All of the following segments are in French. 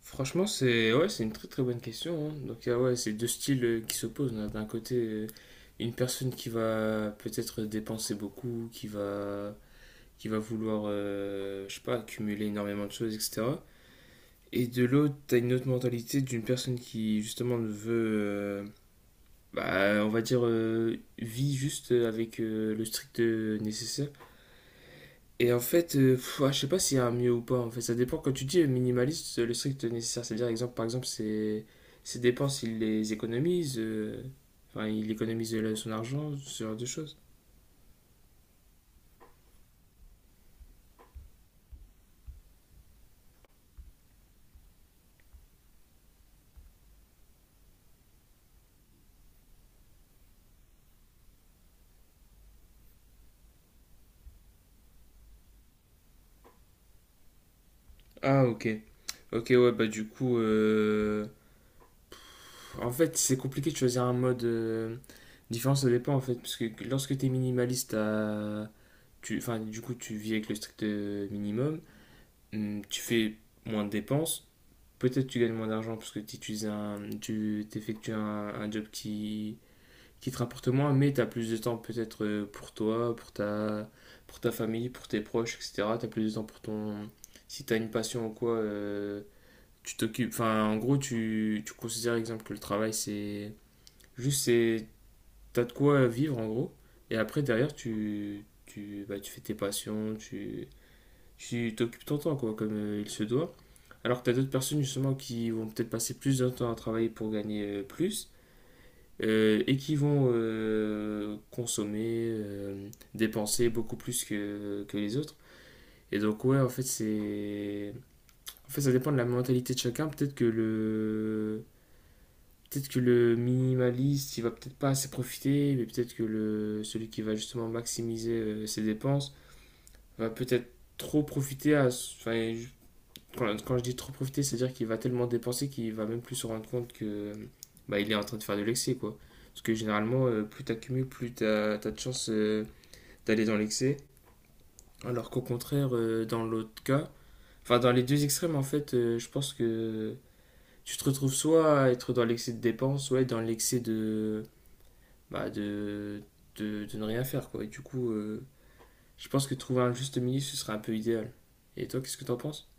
Franchement, c'est ouais, c'est une très très bonne question, hein. Donc, ouais, c'est deux styles qui s'opposent. On a d'un côté une personne qui va peut-être dépenser beaucoup, qui va vouloir, je sais pas, accumuler énormément de choses, etc. Et de l'autre, t'as une autre mentalité d'une personne qui justement ne veut, bah, on va dire, vit juste avec le strict nécessaire et en fait, ouais, je sais pas s'il y a un mieux ou pas. En fait, ça dépend. Quand tu dis minimaliste, le strict nécessaire, c'est-à-dire, par exemple, ses dépenses, il les économise. Enfin, il économise son argent, ce genre de choses. Ah, ok. Ok, ouais, bah du coup, en fait, c'est compliqué de choisir un mode différent, ça dépend en fait, parce que lorsque t'es minimaliste, tu, enfin, du coup, tu vis avec le strict minimum, tu fais moins de dépenses. Peut-être tu gagnes moins d'argent parce que tu effectues un job qui te rapporte moins, mais tu as plus de temps peut-être pour toi, pour ta famille, pour tes proches, etc. Tu as plus de temps pour ton. Si tu as une passion ou quoi, tu t'occupes. Enfin, en gros, tu considères, exemple, que le travail, c'est. Juste, c'est. T'as de quoi vivre, en gros. Et après, derrière, bah, tu fais tes passions, tu t'occupes ton temps, quoi, comme il se doit. Alors que tu as d'autres personnes, justement, qui vont peut-être passer plus de temps à travailler pour gagner plus et qui vont consommer, dépenser beaucoup plus que les autres. Et donc, ouais, en fait, c'est. En fait, ça dépend de la mentalité de chacun. Peut-être que le. Peut-être que le minimaliste, il va peut-être pas assez profiter, mais peut-être que celui qui va justement maximiser ses dépenses va peut-être trop profiter à, enfin. Quand je dis trop profiter, c'est-à-dire qu'il va tellement dépenser qu'il va même plus se rendre compte que bah, il est en train de faire de l'excès, quoi. Parce que généralement, plus t'accumules, plus t'as de chances d'aller dans l'excès. Alors qu'au contraire, dans l'autre cas, enfin dans les deux extrêmes, en fait, je pense que tu te retrouves soit à être dans l'excès de dépenses, soit être dans l'excès bah, de ne rien faire, quoi. Et du coup, je pense que trouver un juste milieu, ce serait un peu idéal. Et toi, qu'est-ce que t'en penses?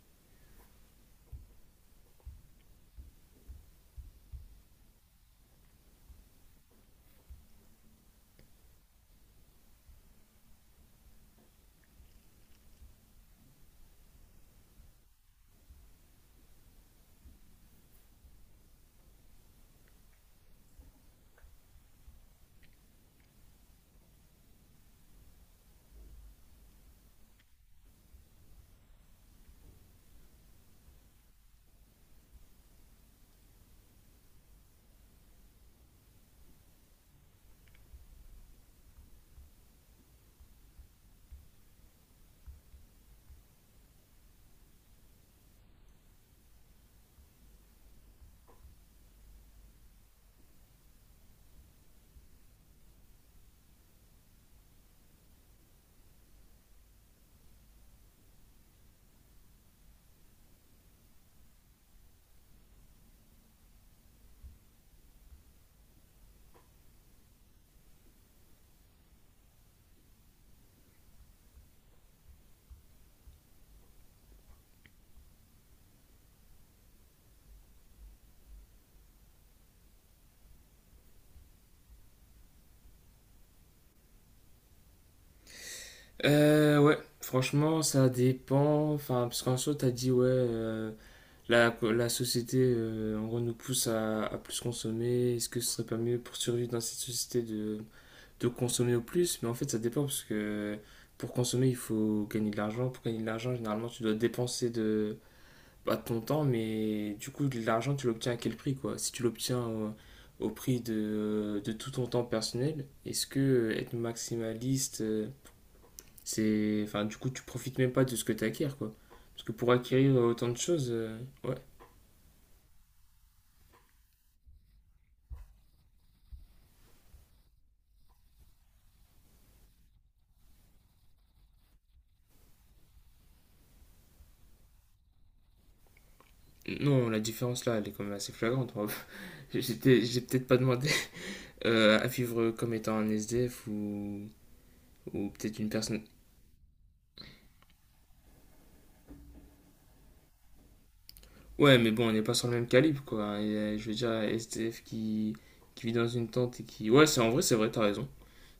Ouais, franchement, ça dépend. Enfin, parce qu'en soi, t'as dit, ouais, la société, en gros, nous pousse à plus consommer. Est-ce que ce serait pas mieux pour survivre dans cette société de consommer au plus? Mais en fait, ça dépend, parce que pour consommer, il faut gagner de l'argent. Pour gagner de l'argent, généralement, tu dois dépenser de, pas de ton temps, mais du coup, de l'argent, tu l'obtiens à quel prix, quoi? Si tu l'obtiens au prix de tout ton temps personnel, est-ce que être maximaliste. C'est, enfin, du coup, tu profites même pas de ce que tu acquiers, quoi. Parce que pour acquérir autant de choses, ouais. Non, la différence là, elle est quand même assez flagrante. Moi. J'ai peut-être pas demandé à vivre comme étant un SDF ou peut-être une personne. Ouais, mais bon, on n'est pas sur le même calibre, quoi. Et, je veux dire, SDF qui vit dans une tente et qui. Ouais, c'est en vrai, c'est vrai, t'as raison.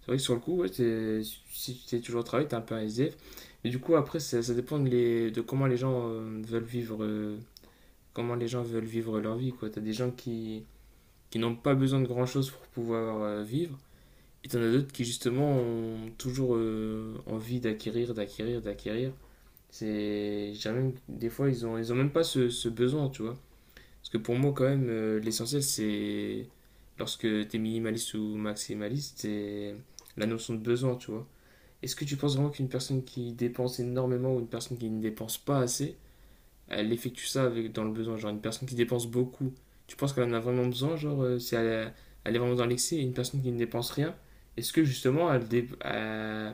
C'est vrai que sur le coup, ouais, si tu t'es toujours au travail, t'es un peu un SDF. Mais du coup, après, ça dépend de, de comment les gens veulent vivre comment les gens veulent vivre leur vie, quoi. T'as des gens qui n'ont pas besoin de grand-chose pour pouvoir vivre, et t'en as d'autres qui, justement, ont toujours envie d'acquérir, d'acquérir, d'acquérir. C'est. J'ai même. Des fois, ils ont même pas ce besoin, tu vois. Parce que pour moi, quand même, l'essentiel, c'est. Lorsque t'es minimaliste ou maximaliste, c'est la notion de besoin, tu vois. Est-ce que tu penses vraiment qu'une personne qui dépense énormément ou une personne qui ne dépense pas assez, elle effectue ça avec, dans le besoin. Genre, une personne qui dépense beaucoup, tu penses qu'elle en a vraiment besoin? Genre, si elle, elle est vraiment dans l'excès, et une personne qui ne dépense rien, est-ce que justement, elle,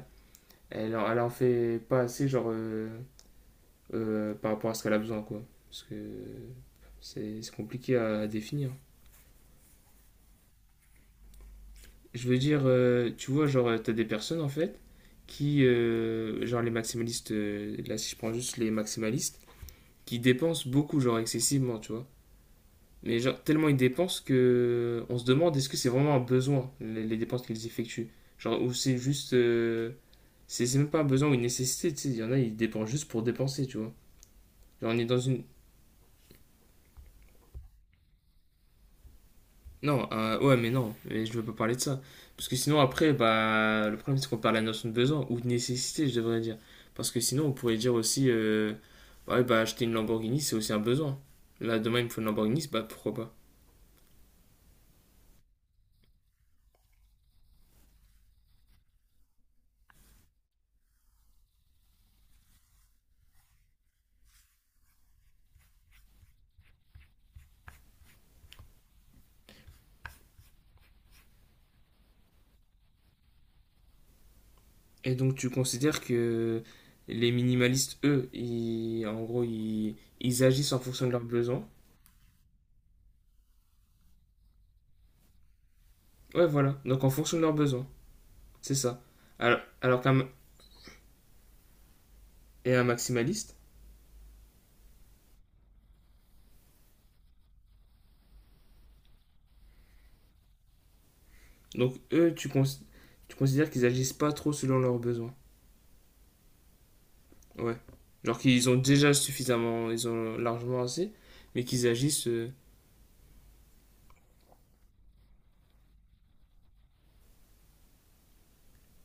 elle, elle en fait pas assez, genre, par rapport à ce qu'elle a besoin, quoi? Parce que c'est compliqué à définir. Je veux dire, tu vois, genre, t'as des personnes, en fait, qui, genre, les maximalistes, là, si je prends juste les maximalistes, qui dépensent beaucoup, genre, excessivement, tu vois. Mais genre, tellement ils dépensent que on se demande est-ce que c'est vraiment un besoin, les dépenses qu'ils effectuent. Genre, ou c'est juste. C'est même pas un besoin ou une nécessité, tu sais. Il y en a, ils dépensent juste pour dépenser, tu vois. Genre, on est dans une. Non, ouais, mais non, mais je veux pas parler de ça. Parce que sinon, après, bah, le problème, c'est qu'on perd la notion de besoin ou de nécessité, je devrais dire. Parce que sinon, on pourrait dire aussi, ouais, bah, acheter une Lamborghini, c'est aussi un besoin. Là, demain, il me faut une Lamborghini, bah, pourquoi pas. Et donc tu considères que les minimalistes, eux, ils, en gros, ils agissent en fonction de leurs besoins. Ouais, voilà. Donc en fonction de leurs besoins. C'est ça. Alors qu'un et un maximaliste, donc eux, tu, tu considères qu'ils agissent pas trop selon leurs besoins. Ouais. Genre qu'ils ont déjà suffisamment, ils ont largement assez, mais qu'ils agissent.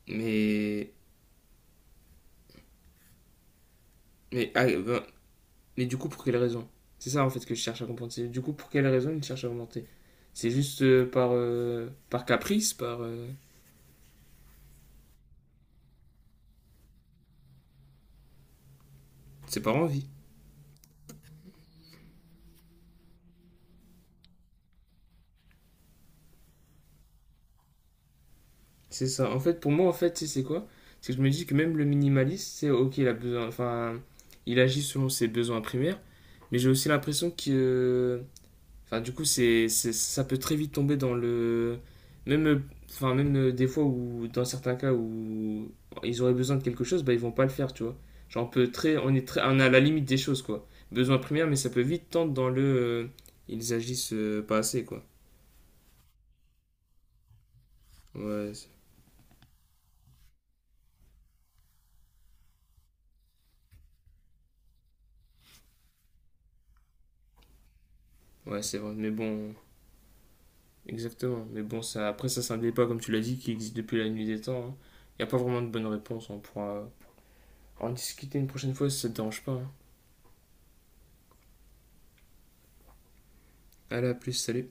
mais mais ah, ben, Mais du coup, pour quelle raison? C'est ça en fait que je cherche à comprendre. C'est du coup, pour quelle raison il cherche à augmenter. C'est juste par caprice, par. C'est par envie. C'est ça. En fait, pour moi, en fait, c'est quoi? C'est que je me dis que même le minimaliste, c'est ok, il a besoin. Enfin, il agit selon ses besoins primaires, mais j'ai aussi l'impression que. euh, Enfin, du coup, c'est, ça peut très vite tomber dans le. Même, enfin, même des fois où, dans certains cas où ils auraient besoin de quelque chose, bah, ils vont pas le faire, tu vois. Genre, on peut très, on est à la limite des choses, quoi. Besoin primaire, mais ça peut vite tendre dans le. Ils agissent pas assez, quoi. Ouais, ouais, c'est vrai. Mais bon, exactement. Mais bon, ça, après, ça, c'est un débat, comme tu l'as dit, qui existe depuis la nuit des temps. Il n'y a pas vraiment de bonne réponse. On pourra en discuter une prochaine fois si ça te dérange pas, hein. Allez, à plus, salut.